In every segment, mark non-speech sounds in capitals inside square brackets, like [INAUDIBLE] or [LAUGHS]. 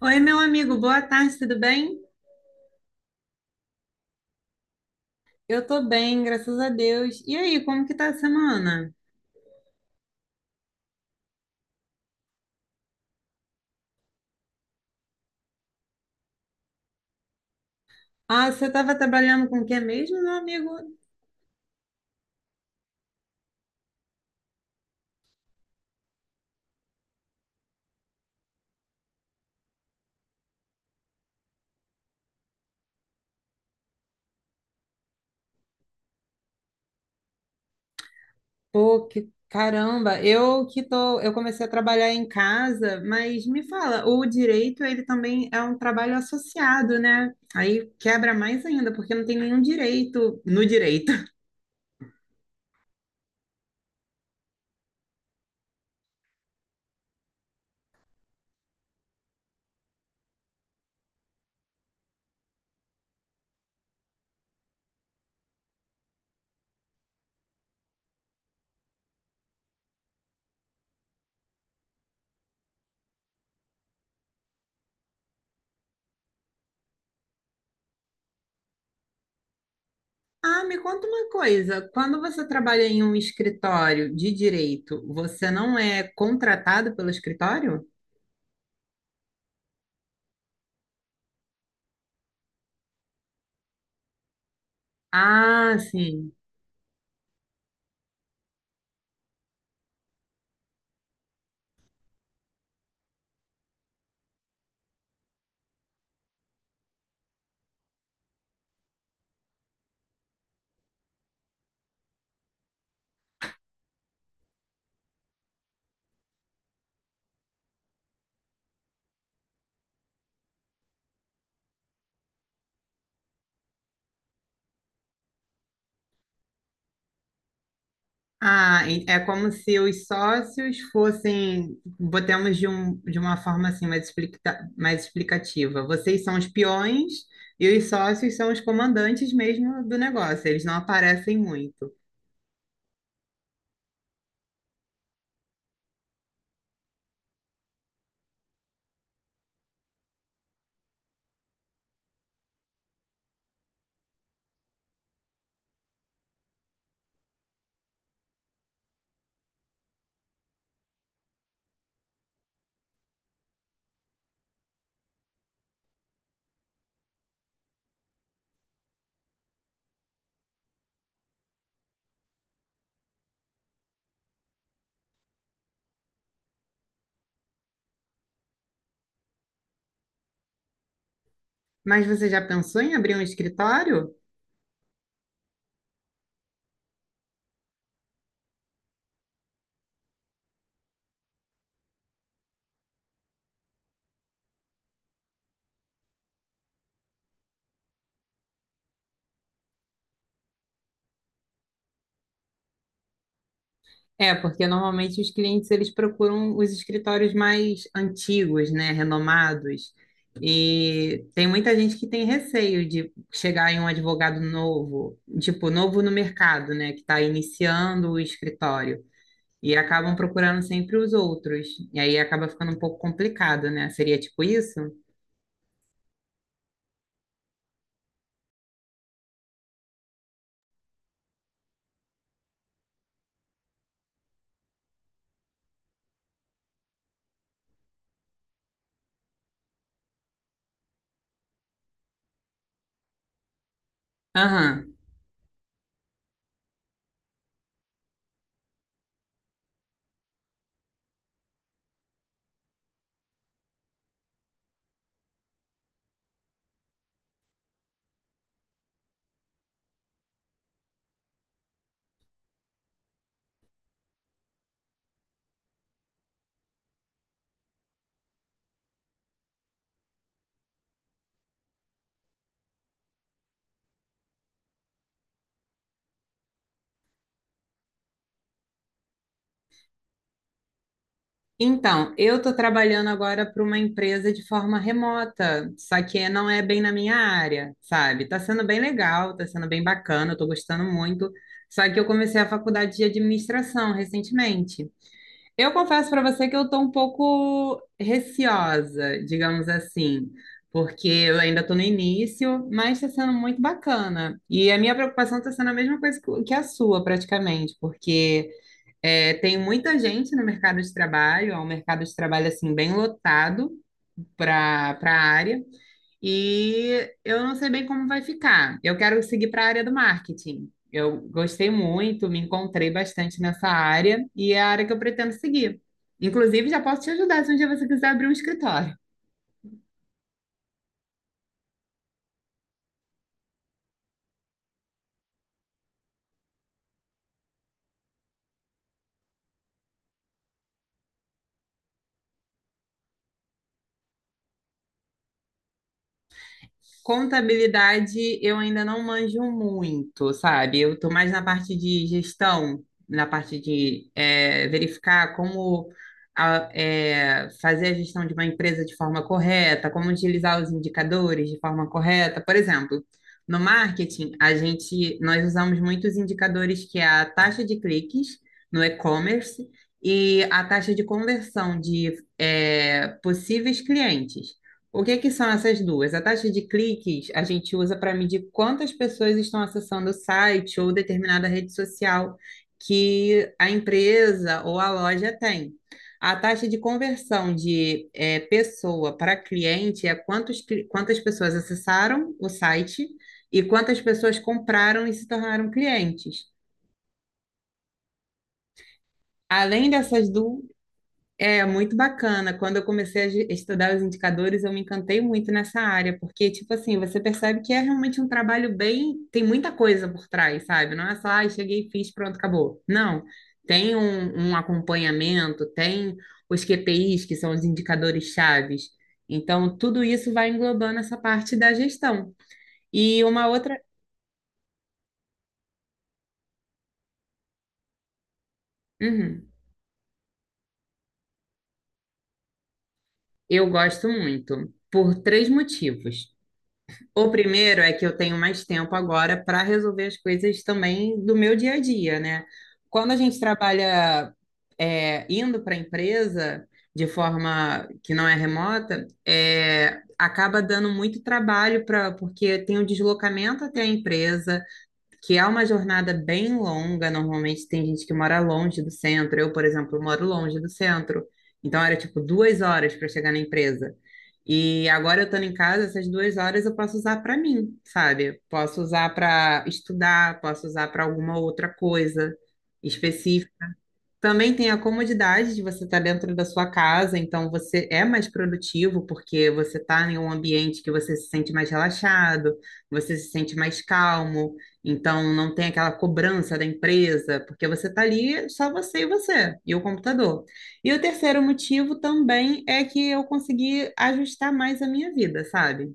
Oi, meu amigo, boa tarde, tudo bem? Eu tô bem, graças a Deus. E aí, como que tá a semana? Ah, você tava trabalhando com o que mesmo, meu amigo? Pô, que caramba, eu que tô, eu comecei a trabalhar em casa, mas me fala, o direito, ele também é um trabalho associado, né? Aí quebra mais ainda, porque não tem nenhum direito no direito. [LAUGHS] Ah, me conta uma coisa, quando você trabalha em um escritório de direito, você não é contratado pelo escritório? Ah, sim. Ah, e- é como se os sócios fossem, botemos de, um, de uma forma assim mais, explica, mais explicativa. Vocês são os peões e os sócios são os comandantes mesmo do negócio. Eles não aparecem muito. Mas você já pensou em abrir um escritório? É, porque normalmente os clientes eles procuram os escritórios mais antigos, né, renomados. E tem muita gente que tem receio de chegar em um advogado novo, tipo, novo no mercado, né, que está iniciando o escritório. E acabam procurando sempre os outros. E aí acaba ficando um pouco complicado, né? Seria tipo isso? Aham. Então, eu estou trabalhando agora para uma empresa de forma remota, só que não é bem na minha área, sabe? Está sendo bem legal, está sendo bem bacana, estou gostando muito. Só que eu comecei a faculdade de administração recentemente. Eu confesso para você que eu estou um pouco receosa, digamos assim, porque eu ainda estou no início, mas está sendo muito bacana. E a minha preocupação está sendo a mesma coisa que a sua, praticamente, porque. É, tem muita gente no mercado de trabalho, é um mercado de trabalho assim bem lotado para a área, e eu não sei bem como vai ficar. Eu quero seguir para a área do marketing. Eu gostei muito, me encontrei bastante nessa área e é a área que eu pretendo seguir. Inclusive, já posso te ajudar se um dia você quiser abrir um escritório. Contabilidade eu ainda não manjo muito, sabe? Eu estou mais na parte de gestão, na parte de verificar como fazer a gestão de uma empresa de forma correta, como utilizar os indicadores de forma correta. Por exemplo, no marketing, a gente, nós usamos muitos indicadores que é a taxa de cliques no e-commerce e a taxa de conversão de possíveis clientes. O que que são essas duas? A taxa de cliques a gente usa para medir quantas pessoas estão acessando o site ou determinada rede social que a empresa ou a loja tem. A taxa de conversão de pessoa para cliente é quantos, quantas pessoas acessaram o site e quantas pessoas compraram e se tornaram clientes. Além dessas duas, é muito bacana. Quando eu comecei a estudar os indicadores, eu me encantei muito nessa área, porque, tipo assim, você percebe que é realmente um trabalho bem. Tem muita coisa por trás, sabe? Não é só, ah, cheguei, fiz, pronto, acabou. Não. Tem um acompanhamento, tem os QPIs, que são os indicadores chaves. Então, tudo isso vai englobando essa parte da gestão. E uma outra. Uhum. Eu gosto muito, por 3 motivos. O primeiro é que eu tenho mais tempo agora para resolver as coisas também do meu dia a dia, né? Quando a gente trabalha indo para a empresa de forma que não é remota, é, acaba dando muito trabalho para porque tem o deslocamento até a empresa, que é uma jornada bem longa. Normalmente tem gente que mora longe do centro. Eu, por exemplo, moro longe do centro. Então era tipo 2 horas para chegar na empresa. E agora eu estando em casa, essas 2 horas eu posso usar para mim, sabe? Posso usar para estudar, posso usar para alguma outra coisa. Também tem a comodidade de você estar dentro da sua casa, então você é mais produtivo porque você está em um ambiente que você se sente mais relaxado, você se sente mais calmo, então não tem aquela cobrança da empresa, porque você está ali só você e você, e o computador. E o terceiro motivo também é que eu consegui ajustar mais a minha vida, sabe?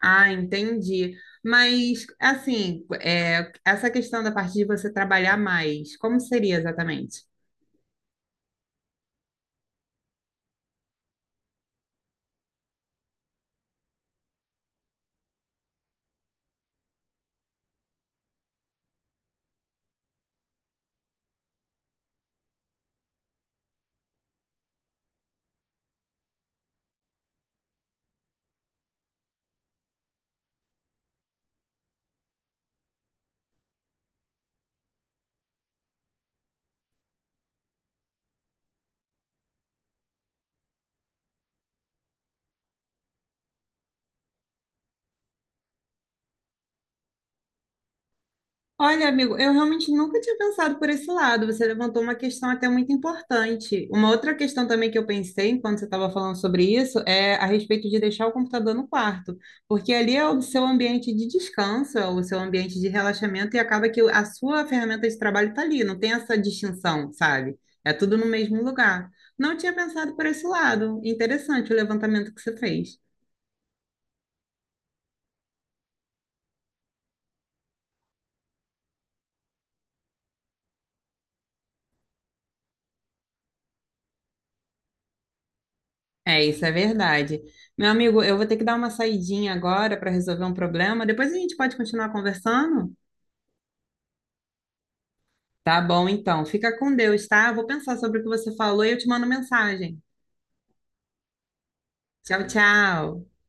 Ah, entendi. Mas, assim, é, essa questão da parte de você trabalhar mais, como seria exatamente? Olha, amigo, eu realmente nunca tinha pensado por esse lado. Você levantou uma questão até muito importante. Uma outra questão também que eu pensei enquanto você estava falando sobre isso é a respeito de deixar o computador no quarto, porque ali é o seu ambiente de descanso, é o seu ambiente de relaxamento e acaba que a sua ferramenta de trabalho está ali, não tem essa distinção, sabe? É tudo no mesmo lugar. Não tinha pensado por esse lado. Interessante o levantamento que você fez. É, isso é verdade. Meu amigo, eu vou ter que dar uma saidinha agora para resolver um problema. Depois a gente pode continuar conversando? Tá bom, então. Fica com Deus, tá? Eu vou pensar sobre o que você falou e eu te mando mensagem. Tchau, tchau.